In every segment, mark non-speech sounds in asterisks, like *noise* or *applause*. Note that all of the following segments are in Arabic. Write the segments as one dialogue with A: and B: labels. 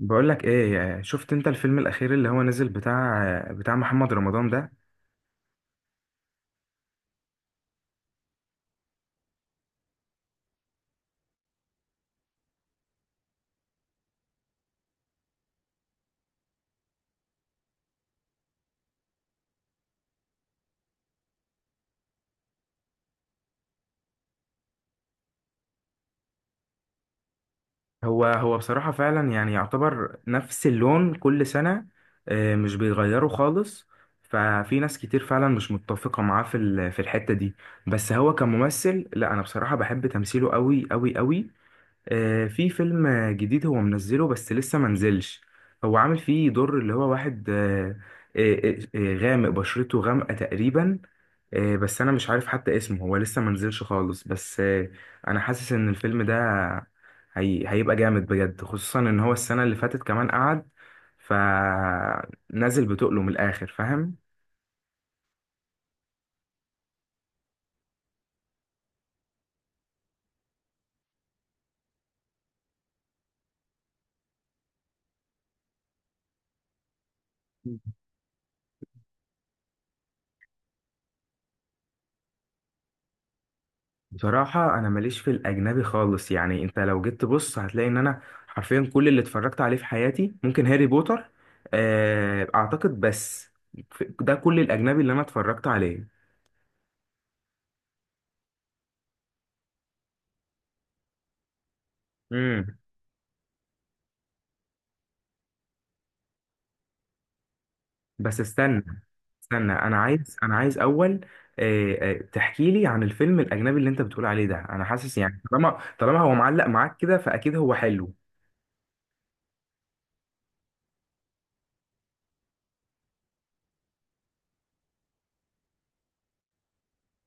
A: بقولك ايه؟ يعني شفت انت الفيلم الاخير اللي هو نزل بتاع محمد رمضان ده؟ هو بصراحة فعلا يعني يعتبر نفس اللون كل سنة. مش بيغيره خالص. ففي ناس كتير فعلا مش متفقة معاه في الحتة دي. بس هو كممثل، لا انا بصراحة بحب تمثيله قوي قوي قوي. في فيلم جديد هو منزله بس لسه منزلش. هو عامل فيه دور اللي هو واحد غامق، بشرته غامقة تقريبا. بس أنا مش عارف حتى اسمه، هو لسه منزلش خالص بس أنا حاسس إن الفيلم ده هيبقى جامد بجد، خصوصا إن هو السنة اللي فاتت كمان قعد فنزل بتقله من الآخر، فاهم؟ بصراحة أنا ماليش في الأجنبي خالص. يعني أنت لو جيت تبص هتلاقي إن أنا حرفيا كل اللي اتفرجت عليه في حياتي ممكن هاري بوتر أعتقد. بس ده كل الأجنبي اللي أنا اتفرجت عليه. امم. بس استنى، استنى، أنا عايز أول تحكي لي عن الفيلم الأجنبي اللي أنت بتقول عليه ده. أنا حاسس يعني طالما هو معلق معاك كده فأكيد هو حلو.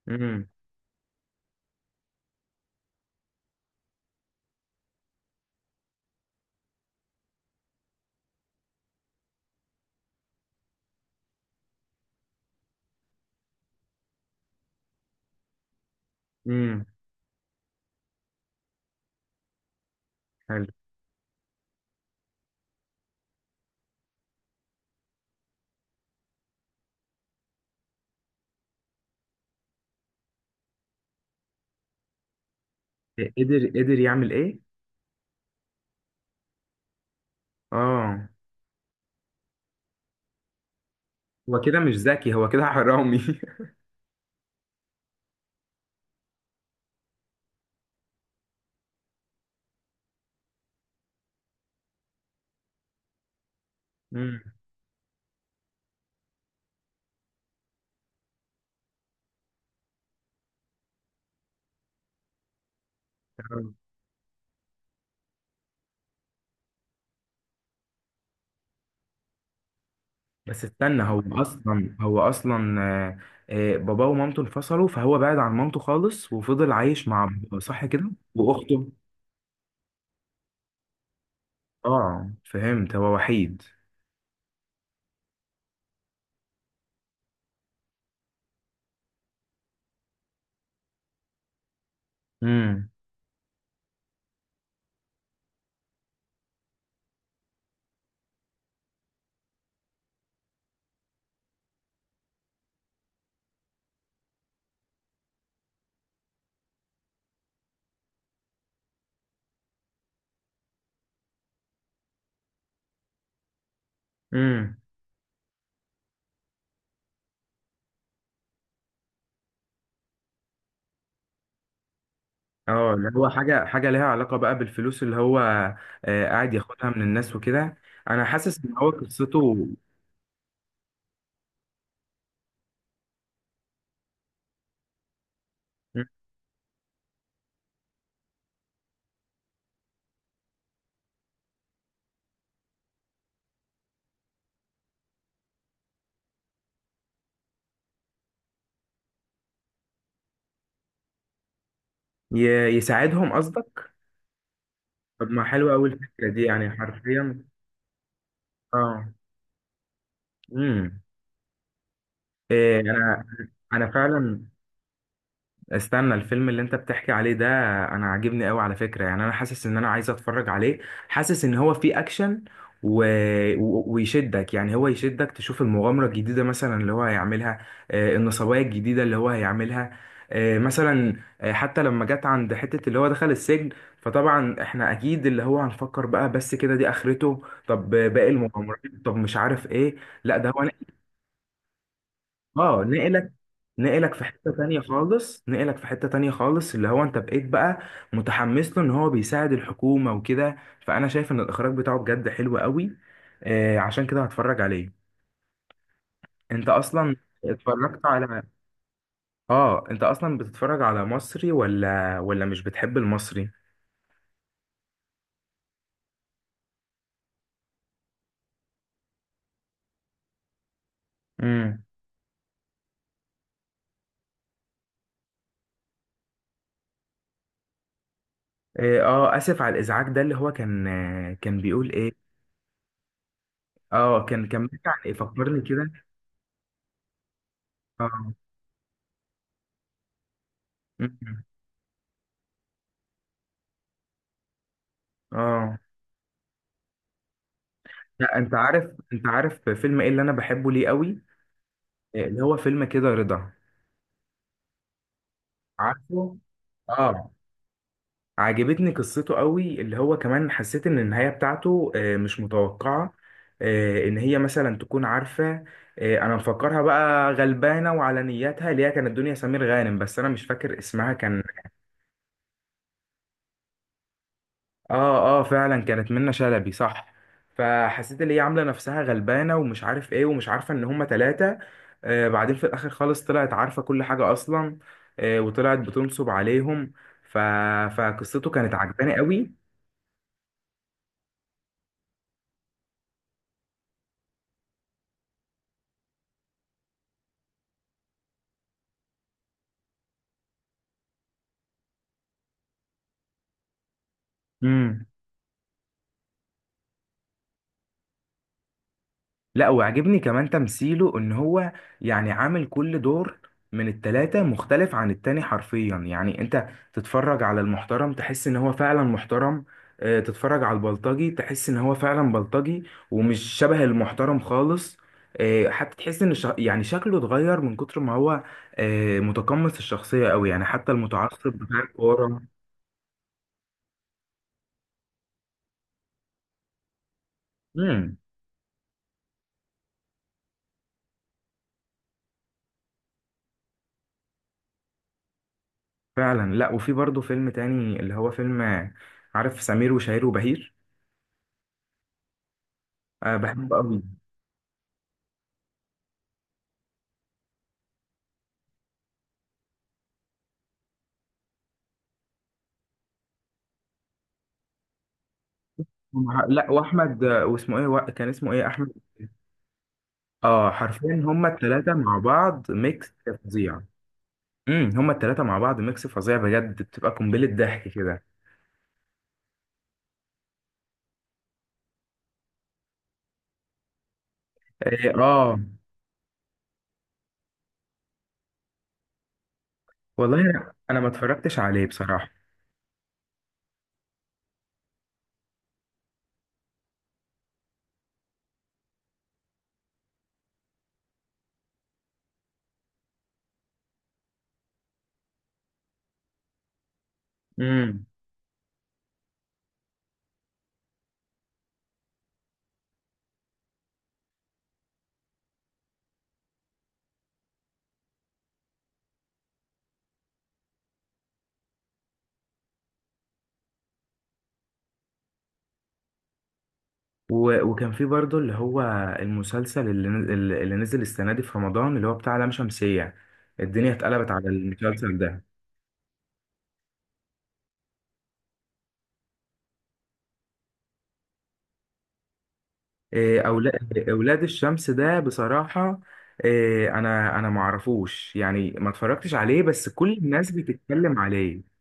A: امم. امم. حلو. قدر يعمل إيه؟ آه. هو كده مش ذكي، هو كده حرامي. *laughs* مم، تمام. بس استنى، هو اصلا، هو اصلا باباه ومامته انفصلوا، فهو بعد عن مامته خالص وفضل عايش مع بابا، صح كده، واخته؟ اه فهمت، هو وحيد. امم. امم. اه، اللي هو حاجه ليها علاقه بقى بالفلوس اللي هو قاعد ياخدها من الناس وكده. انا حاسس ان هو قصته. مم. ي- يساعدهم، قصدك؟ طب ما حلوه قوي الفكره دي، يعني حرفيا. اه. امم. إيه؟ انا، انا فعلا، استنى، الفيلم اللي انت بتحكي عليه ده انا عاجبني قوي على فكرة. يعني انا حاسس ان انا عايز اتفرج عليه. حاسس ان هو فيه اكشن و... ويشدك، يعني هو يشدك تشوف المغامرة الجديدة مثلا اللي هو هيعملها، النصباية الجديدة اللي هو هيعملها. مثلا حتى لما جت عند حتة اللي هو دخل السجن، فطبعا احنا اكيد اللي هو هنفكر بقى بس كده دي اخرته. طب باقي المغامرات؟ طب مش عارف ايه. لا ده هو. اه نقلك، نقلك في حتة تانية خالص، نقلك في حتة تانية خالص اللي هو انت بقيت بقى متحمس له ان هو بيساعد الحكومة وكده. فانا شايف ان الاخراج بتاعه بجد حلو قوي. آه عشان كده هتفرج عليه. انت اصلا اتفرجت على، اه انت اصلا بتتفرج على مصري ولا مش بتحب المصري؟ امم. اه، اسف على الازعاج ده اللي هو كان، كان بيقول ايه؟ اه كان بيحكي عن ايه، فكرني كده. اه. م- م. اه لا، انت عارف، انت عارف فيلم ايه اللي انا بحبه ليه قوي؟ اللي هو فيلم كده رضا، عارفه؟ اه. عجبتني قصته قوي، اللي هو كمان حسيت ان النهاية بتاعته مش متوقعة. ان هي مثلا تكون عارفة. انا مفكرها بقى غلبانة وعلى نياتها، اللي هي كانت دنيا سمير غانم، بس انا مش فاكر اسمها كان. اه اه فعلا كانت منة شلبي، صح. فحسيت ان هي عامله نفسها غلبانه ومش عارف ايه ومش عارفه ان هما ثلاثه. آه بعدين في الاخر خالص طلعت عارفه كل حاجه اصلا. آه وطلعت بتنصب عليهم. ف... فقصته كانت عجباني قوي. امم. لا وعجبني كمان تمثيله، ان هو يعني عامل كل دور من التلاتة مختلف عن التاني حرفيا. يعني انت تتفرج على المحترم تحس ان هو فعلا محترم. تتفرج على البلطجي تحس ان هو فعلا بلطجي، ومش شبه المحترم خالص. حتى تحس ان يعني شكله اتغير من كتر ما هو متقمص الشخصية قوي، يعني حتى المتعصب بتاع الكورة. امم. فعلا. لا وفي برضه فيلم تاني اللي هو فيلم، عارف سمير وشهير وبهير؟ أه بحبه قوي. لا واحمد، واسمه ايه، كان اسمه ايه، احمد؟ اه حرفيا هما الثلاثه مع بعض ميكس فظيع. هما الثلاثه مع بعض ميكس فظيع بجد، بتبقى قنبله ضحك كده. إيه، اه. والله انا، أنا ما اتفرجتش عليه بصراحه. امم. وكان في برضه اللي هو المسلسل اللي نزل السنه دي في رمضان اللي هو بتاع لام شمسيه، الدنيا اتقلبت على المسلسل ده. اولاد الشمس ده بصراحه، إيه، انا انا ما اعرفوش يعني، ما اتفرجتش عليه بس كل الناس بتتكلم عليه.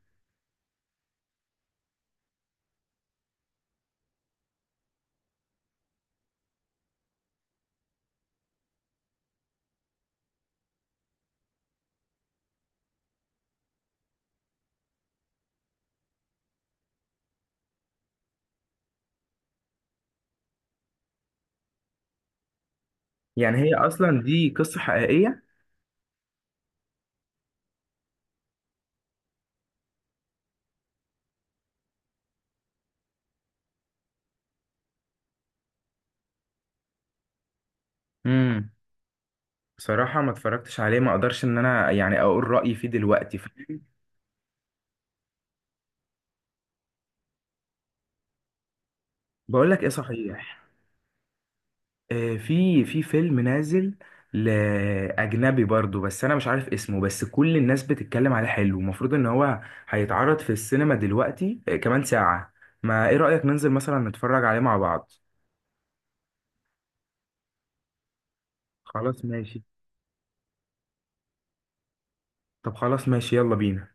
A: يعني هي اصلا دي قصه حقيقيه؟ امم. بصراحه ما اتفرجتش عليه، ما اقدرش ان انا يعني اقول رايي فيه دلوقتي. بقول لك ايه، صحيح، في في فيلم نازل لأجنبي برضو بس أنا مش عارف اسمه، بس كل الناس بتتكلم عليه، حلو. المفروض إن هو هيتعرض في السينما دلوقتي كمان ساعة. ما إيه رأيك ننزل مثلا نتفرج عليه مع بعض؟ خلاص ماشي. طب خلاص ماشي، يلا بينا.